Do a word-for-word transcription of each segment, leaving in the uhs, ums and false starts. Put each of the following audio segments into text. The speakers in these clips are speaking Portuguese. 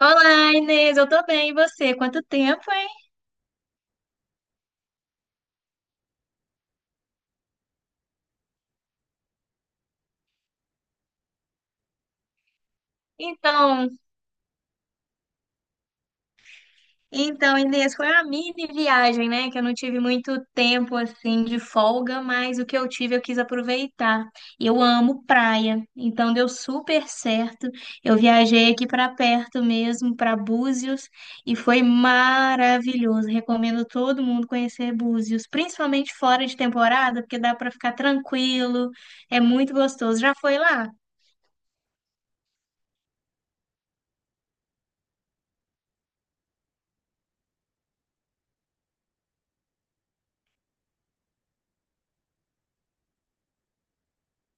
Olá, Inês, eu tô bem, e você? Quanto tempo, hein? Então, então, Inês, foi uma mini viagem, né? Que eu não tive muito tempo assim de folga, mas o que eu tive eu quis aproveitar. E Eu amo praia, então deu super certo. Eu viajei aqui pra perto mesmo, pra Búzios, e foi maravilhoso. Recomendo todo mundo conhecer Búzios, principalmente fora de temporada, porque dá pra ficar tranquilo, é muito gostoso. Já foi lá?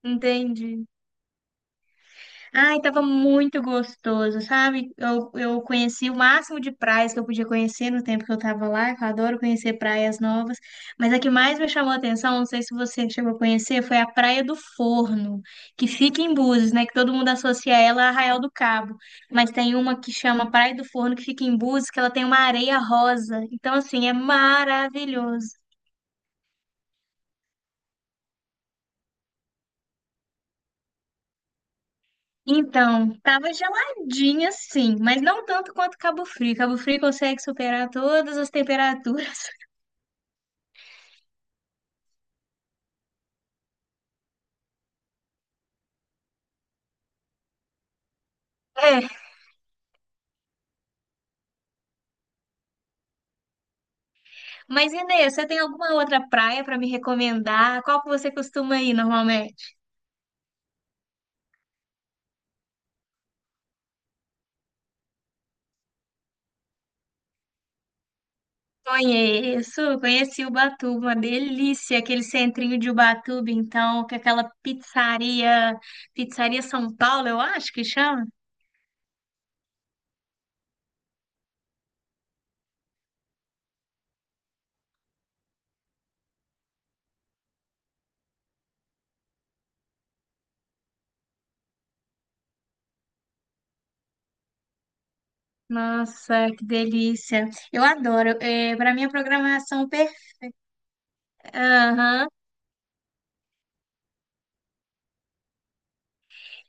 Entendi. Ai, tava muito gostoso, sabe? Eu, eu conheci o máximo de praias que eu podia conhecer no tempo que eu tava lá, que eu adoro conhecer praias novas. Mas a que mais me chamou a atenção, não sei se você chegou a conhecer, foi a Praia do Forno, que fica em Búzios, né? Que todo mundo associa ela a Arraial do Cabo. Mas tem uma que chama Praia do Forno, que fica em Búzios, que ela tem uma areia rosa. Então, assim, é maravilhoso. Então, tava geladinha sim, mas não tanto quanto Cabo Frio. Cabo Frio consegue superar todas as temperaturas. É, mas Inês, você tem alguma outra praia para me recomendar? Qual que você costuma ir normalmente? Conheço, conheci Ubatuba, uma delícia, aquele centrinho de Ubatuba, então, com aquela pizzaria, Pizzaria São Paulo, eu acho que chama. Nossa, que delícia. Eu adoro. É, para minha programação perfeita.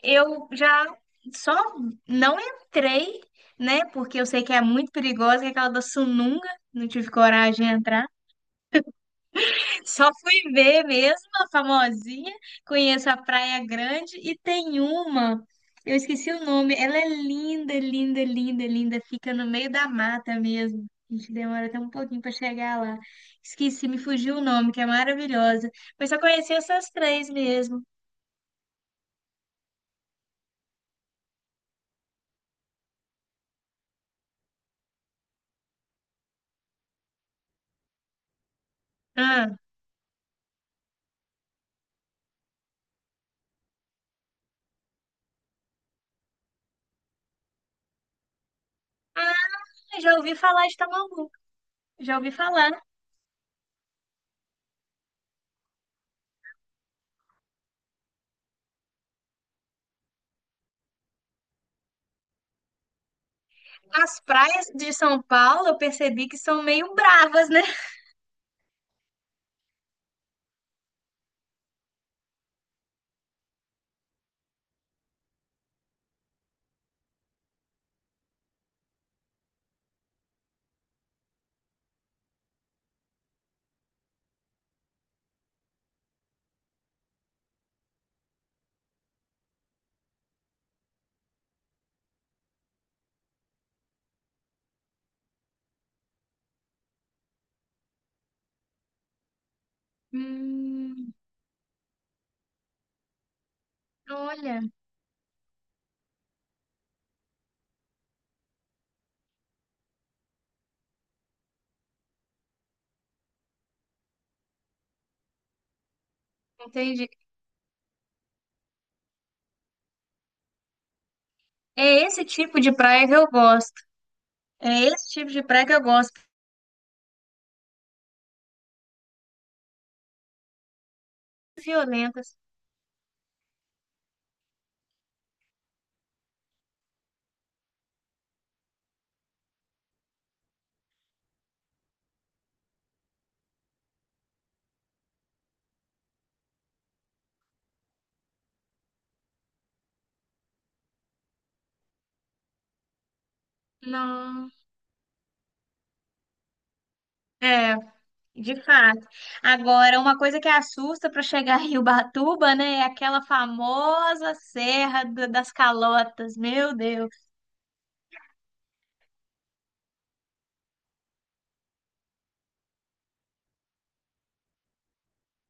Eu já só não entrei, né? Porque eu sei que é muito perigosa, que é aquela da sununga, não tive coragem de entrar. Só fui ver mesmo, a famosinha. Conheço a Praia Grande e tem uma, eu esqueci o nome, ela é linda, linda, linda, linda, fica no meio da mata mesmo. A gente demora até um pouquinho para chegar lá. Esqueci, me fugiu o nome, que é maravilhosa. Mas só conheci essas três mesmo. Ah, ah, já ouvi falar de Tamambuca. Já ouvi falar. As praias de São Paulo, eu percebi que são meio bravas, né? Hum, olha, entendi. É esse tipo de praia que eu gosto. É esse tipo de praia que eu gosto. Violentas. Não. É, de fato. Agora, uma coisa que assusta para chegar em Ubatuba, né, é aquela famosa Serra do- das Calotas. Meu Deus.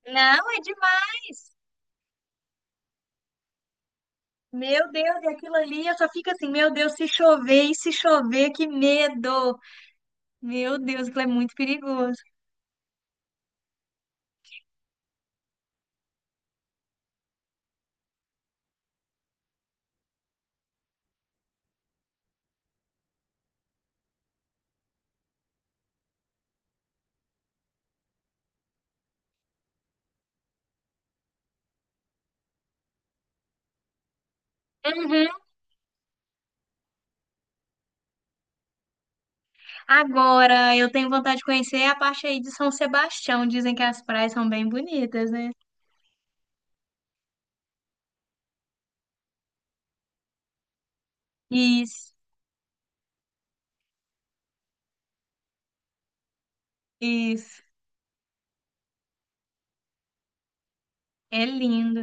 Não, é demais. Meu Deus, e aquilo ali, eu só fico assim, meu Deus, se chover e se chover, que medo. Meu Deus, aquilo é muito perigoso. Uhum. Agora, eu tenho vontade de conhecer a parte aí de São Sebastião. Dizem que as praias são bem bonitas, né? Isso, isso. É lindo.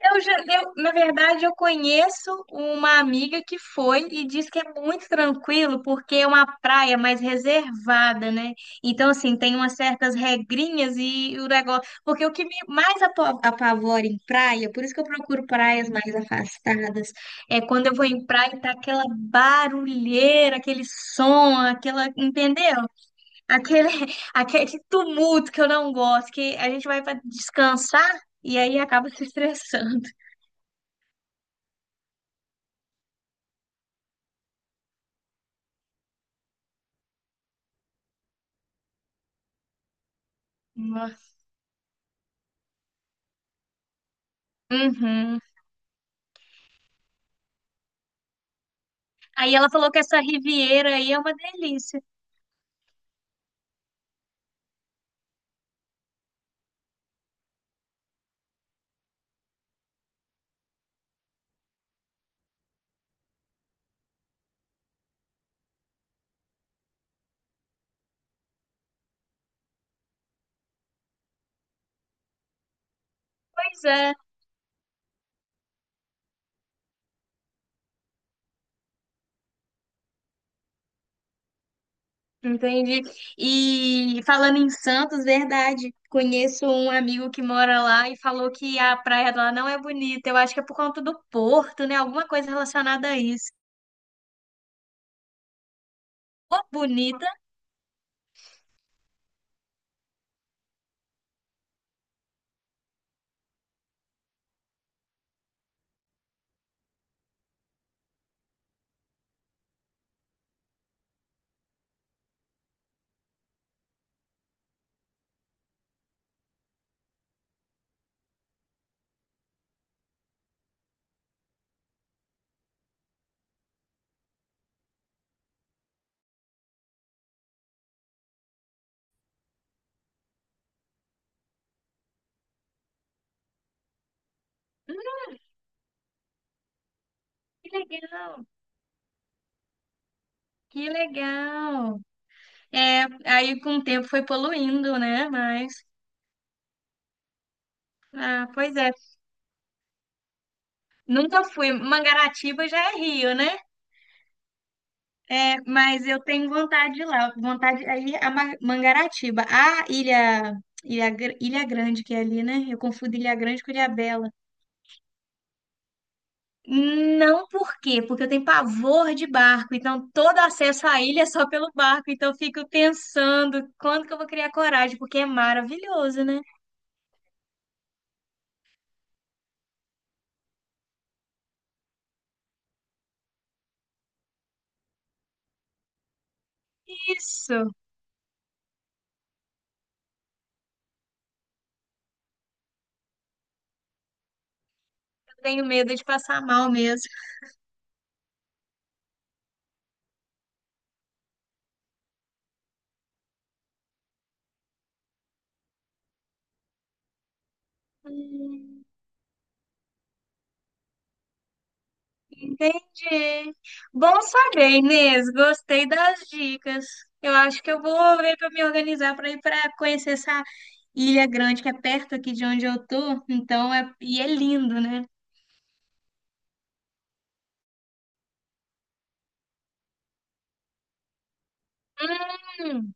Eu já, eu, na verdade, eu conheço uma amiga que foi e diz que é muito tranquilo porque é uma praia mais reservada, né? Então, assim, tem umas certas regrinhas e o negócio. Porque o que me mais apo- apavora em praia, por isso que eu procuro praias mais afastadas, é quando eu vou em praia e tá aquela barulheira, aquele som, aquela, entendeu? Aquele, aquele tumulto que eu não gosto, que a gente vai para descansar e aí acaba se estressando. Nossa. Uhum. Aí ela falou que essa Riviera aí é uma delícia. Pois é, entendi. E falando em Santos, verdade, conheço um amigo que mora lá e falou que a praia lá não é bonita. Eu acho que é por conta do porto, né? Alguma coisa relacionada a isso. Ô, bonita. Hum, que legal. Que legal. É, aí com o tempo foi poluindo, né? Mas, ah, pois é. Nunca fui. Mangaratiba já é Rio, né? É, mas eu tenho vontade de ir lá, vontade aí a Ma- Mangaratiba, a Ilha, Ilha Gr- Ilha Grande que é ali, né? Eu confundo Ilha Grande com Ilha Bela. Não por quê? Porque eu tenho pavor de barco, então todo acesso à ilha é só pelo barco, então eu fico pensando quando que eu vou criar coragem, porque é maravilhoso, né? Isso, eu tenho medo de passar mal mesmo. Hum. Entendi. Bom saber, Inês. Gostei das dicas. Eu acho que eu vou ver para me organizar para ir para conhecer essa ilha grande que é perto aqui de onde eu tô. Então é e é lindo, né? Hum,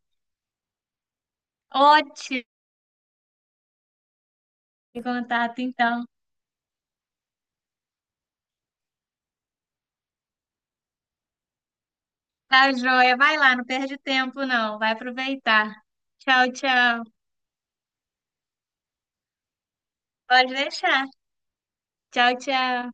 ótimo contato, então. Tá joia. Vai lá, não perde tempo, não. Vai aproveitar. Tchau, tchau. Pode deixar. Tchau, tchau.